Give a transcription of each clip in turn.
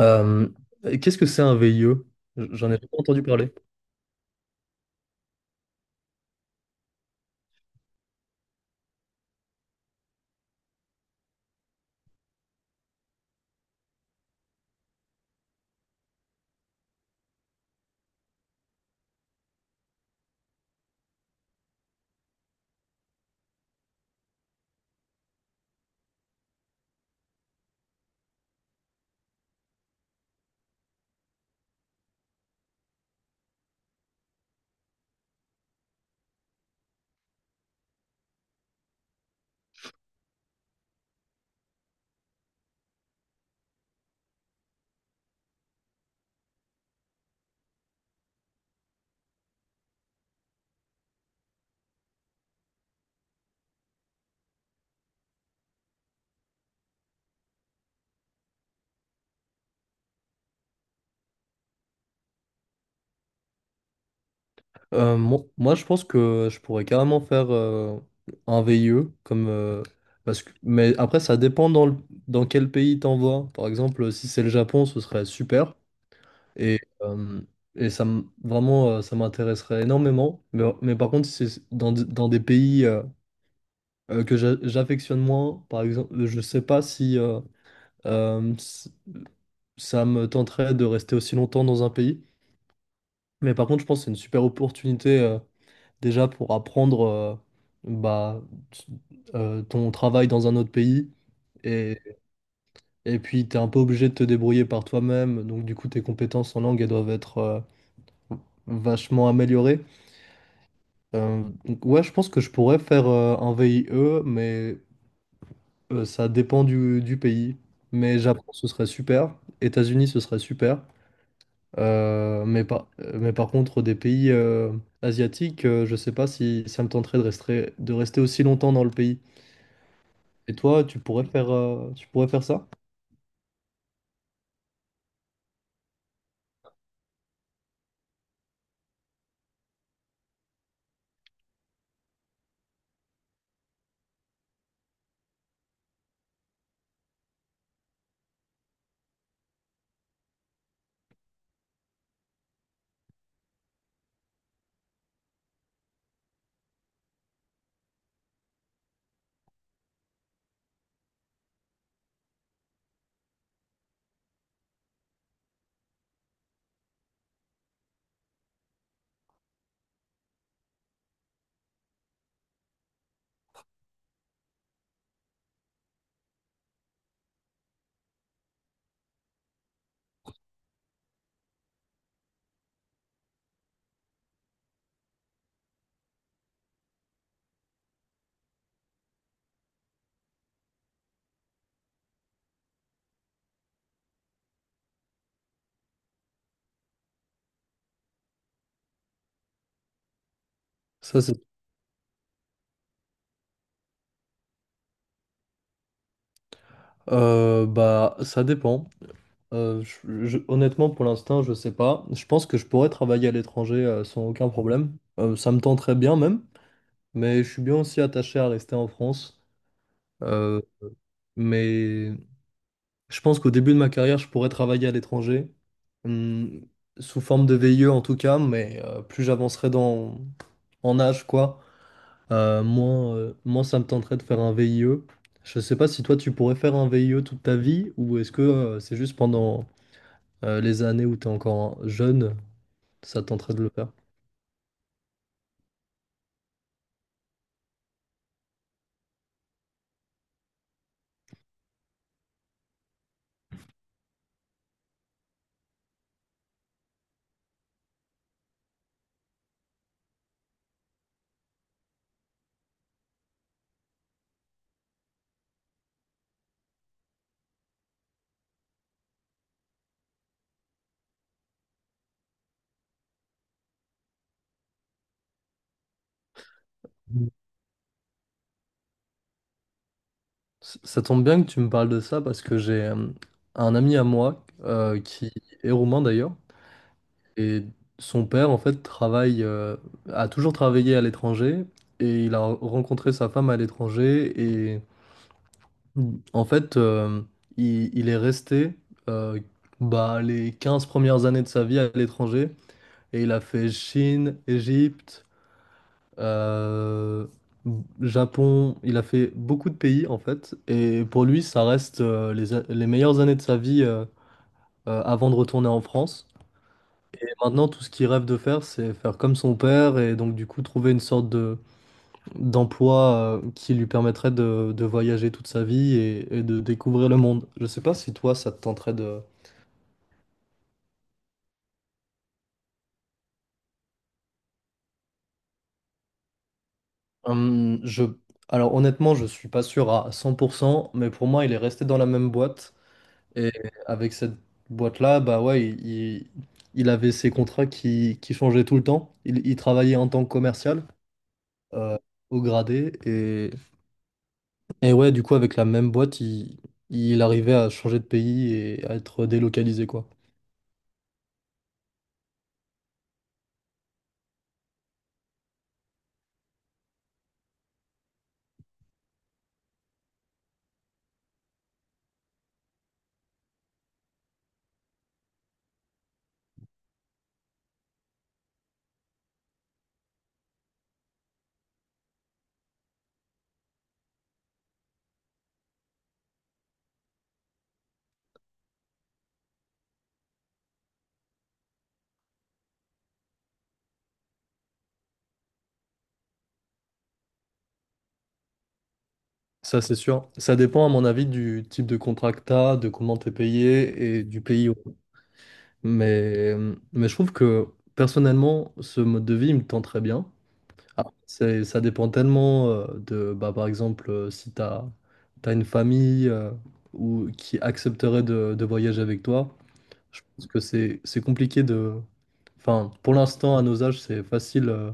Euh, Qu'est-ce que c'est un VIE? J'en ai jamais entendu parler. Moi, je pense que je pourrais carrément faire un VIE, mais après, ça dépend dans quel pays t'envoies. Par exemple, si c'est le Japon, ce serait super. Et, euh, et ça, vraiment, ça m'intéresserait énormément. Mais par contre, si c'est dans des pays que j'affectionne moins, par exemple, je sais pas si euh, s- ça me tenterait de rester aussi longtemps dans un pays. Mais par contre, je pense que c'est une super opportunité déjà pour apprendre bah, t- ton travail dans un autre pays. Et, et puis, tu es un peu obligé de te débrouiller par toi-même. Donc, du coup, tes compétences en langue, elles doivent être vachement améliorées. Donc, ouais, je pense que je pourrais faire un VIE, mais ça dépend du pays. Mais Japon, ce serait super. États-Unis, ce serait super. Mais par contre, des pays asiatiques, je sais pas si ça me tenterait de rester aussi longtemps dans le pays. Et toi, tu pourrais faire ça? Ça, c'est... Bah, ça dépend. Honnêtement, pour l'instant, je sais pas. Je pense que je pourrais travailler à l'étranger sans aucun problème. Ça me tenterait bien même, mais je suis bien aussi attaché à rester en France. Euh, mais je pense qu'au début de ma carrière, je pourrais travailler à l'étranger, hum, sous forme de VIE en tout cas, mais plus j'avancerai dans en âge, quoi, moins ça me tenterait de faire un VIE. Je sais pas si toi tu pourrais faire un VIE toute ta vie, ou est-ce que c'est juste pendant les années où tu es encore jeune, ça te tenterait de le faire? Mm. Ça tombe bien que tu me parles de ça parce que j'ai un ami à moi qui est roumain d'ailleurs. Et son père, en fait, a toujours travaillé à l'étranger et il a rencontré sa femme à l'étranger. Et en fait, il est resté euh, bah, les 15 premières années de sa vie à l'étranger et il a fait Chine, Égypte, euh, Japon. Il a fait beaucoup de pays, en fait. Et pour lui, ça reste les meilleures années de sa vie avant de retourner en France. Maintenant, tout ce qu'il rêve de faire, c'est faire comme son père et donc du coup trouver une sorte de d'emploi qui lui permettrait de voyager toute sa vie et de découvrir le monde. Je sais pas si toi, ça te tenterait de... je... Alors honnêtement, je suis pas sûr à 100%, mais pour moi, il est resté dans la même boîte et avec cette boîte-là, bah ouais, il avait ses contrats qui changeaient tout le temps. Il travaillait en tant que commercial. euh, Au gradé et. Et ouais, du coup, avec la même boîte, il arrivait à changer de pays et à être délocalisé, quoi. Ça, c'est sûr. Ça dépend, à mon avis, du type de contrat que t'as, de comment t'es payé et du pays. Mais, je trouve que, personnellement, ce mode de vie, il me tend très bien. Après, ça dépend tellement bah, par exemple, si t'as, t'as une famille ou qui accepterait de voyager avec toi. Je pense que c'est compliqué de... Enfin, pour l'instant, à nos âges, c'est facile,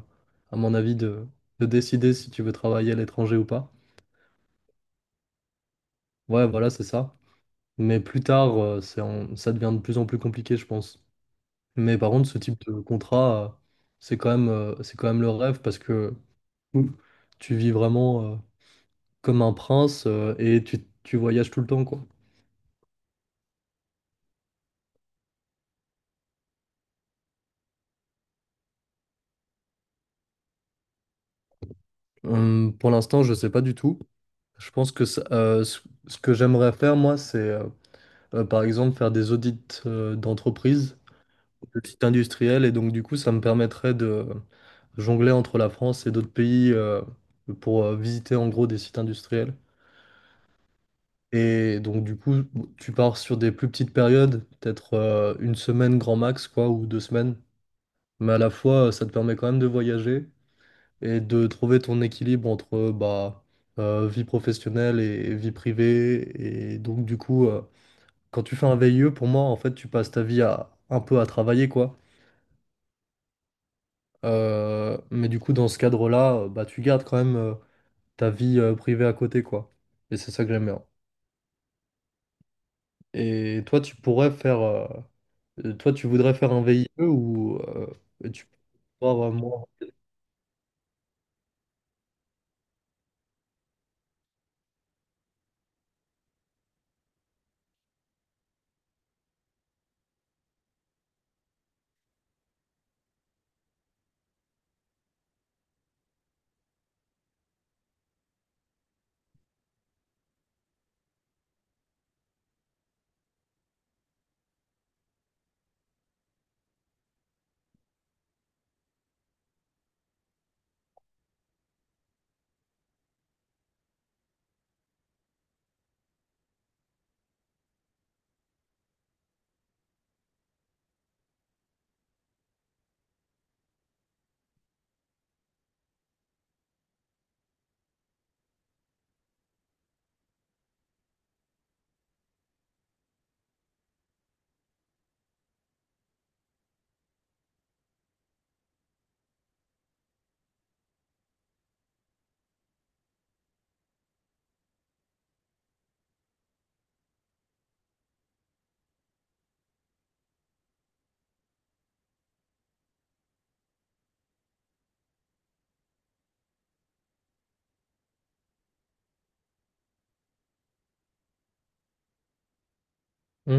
à mon avis, de décider si tu veux travailler à l'étranger ou pas. Ouais, voilà, c'est ça. Mais plus tard, ça devient de plus en plus compliqué, je pense. Mais par contre, ce type de contrat, c'est quand même le rêve parce que Ouh, tu vis vraiment, comme un prince, tu voyages tout le temps, quoi. Pour l'instant, je sais pas du tout. Je pense que ce que j'aimerais faire, moi, c'est... par exemple, faire des audits d'entreprise, de sites industriels, et donc du coup, ça me permettrait de jongler entre la France et d'autres pays pour visiter en gros des sites industriels. Et donc du coup, tu pars sur des plus petites périodes, peut-être une semaine grand max, quoi, ou 2 semaines. Mais à la fois, ça te permet quand même de voyager et de trouver ton équilibre entre bah, vie professionnelle et vie privée. Et donc du coup, quand tu fais un VIE, pour moi, en fait, tu passes ta vie à un peu à travailler, quoi. Mais du coup, dans ce cadre-là, bah, tu gardes quand même ta vie privée à côté, quoi. Et c'est ça que j'aime bien. Et toi, tu pourrais faire, toi, tu voudrais faire un VIE ou tu pourrais avoir moins. Hmm.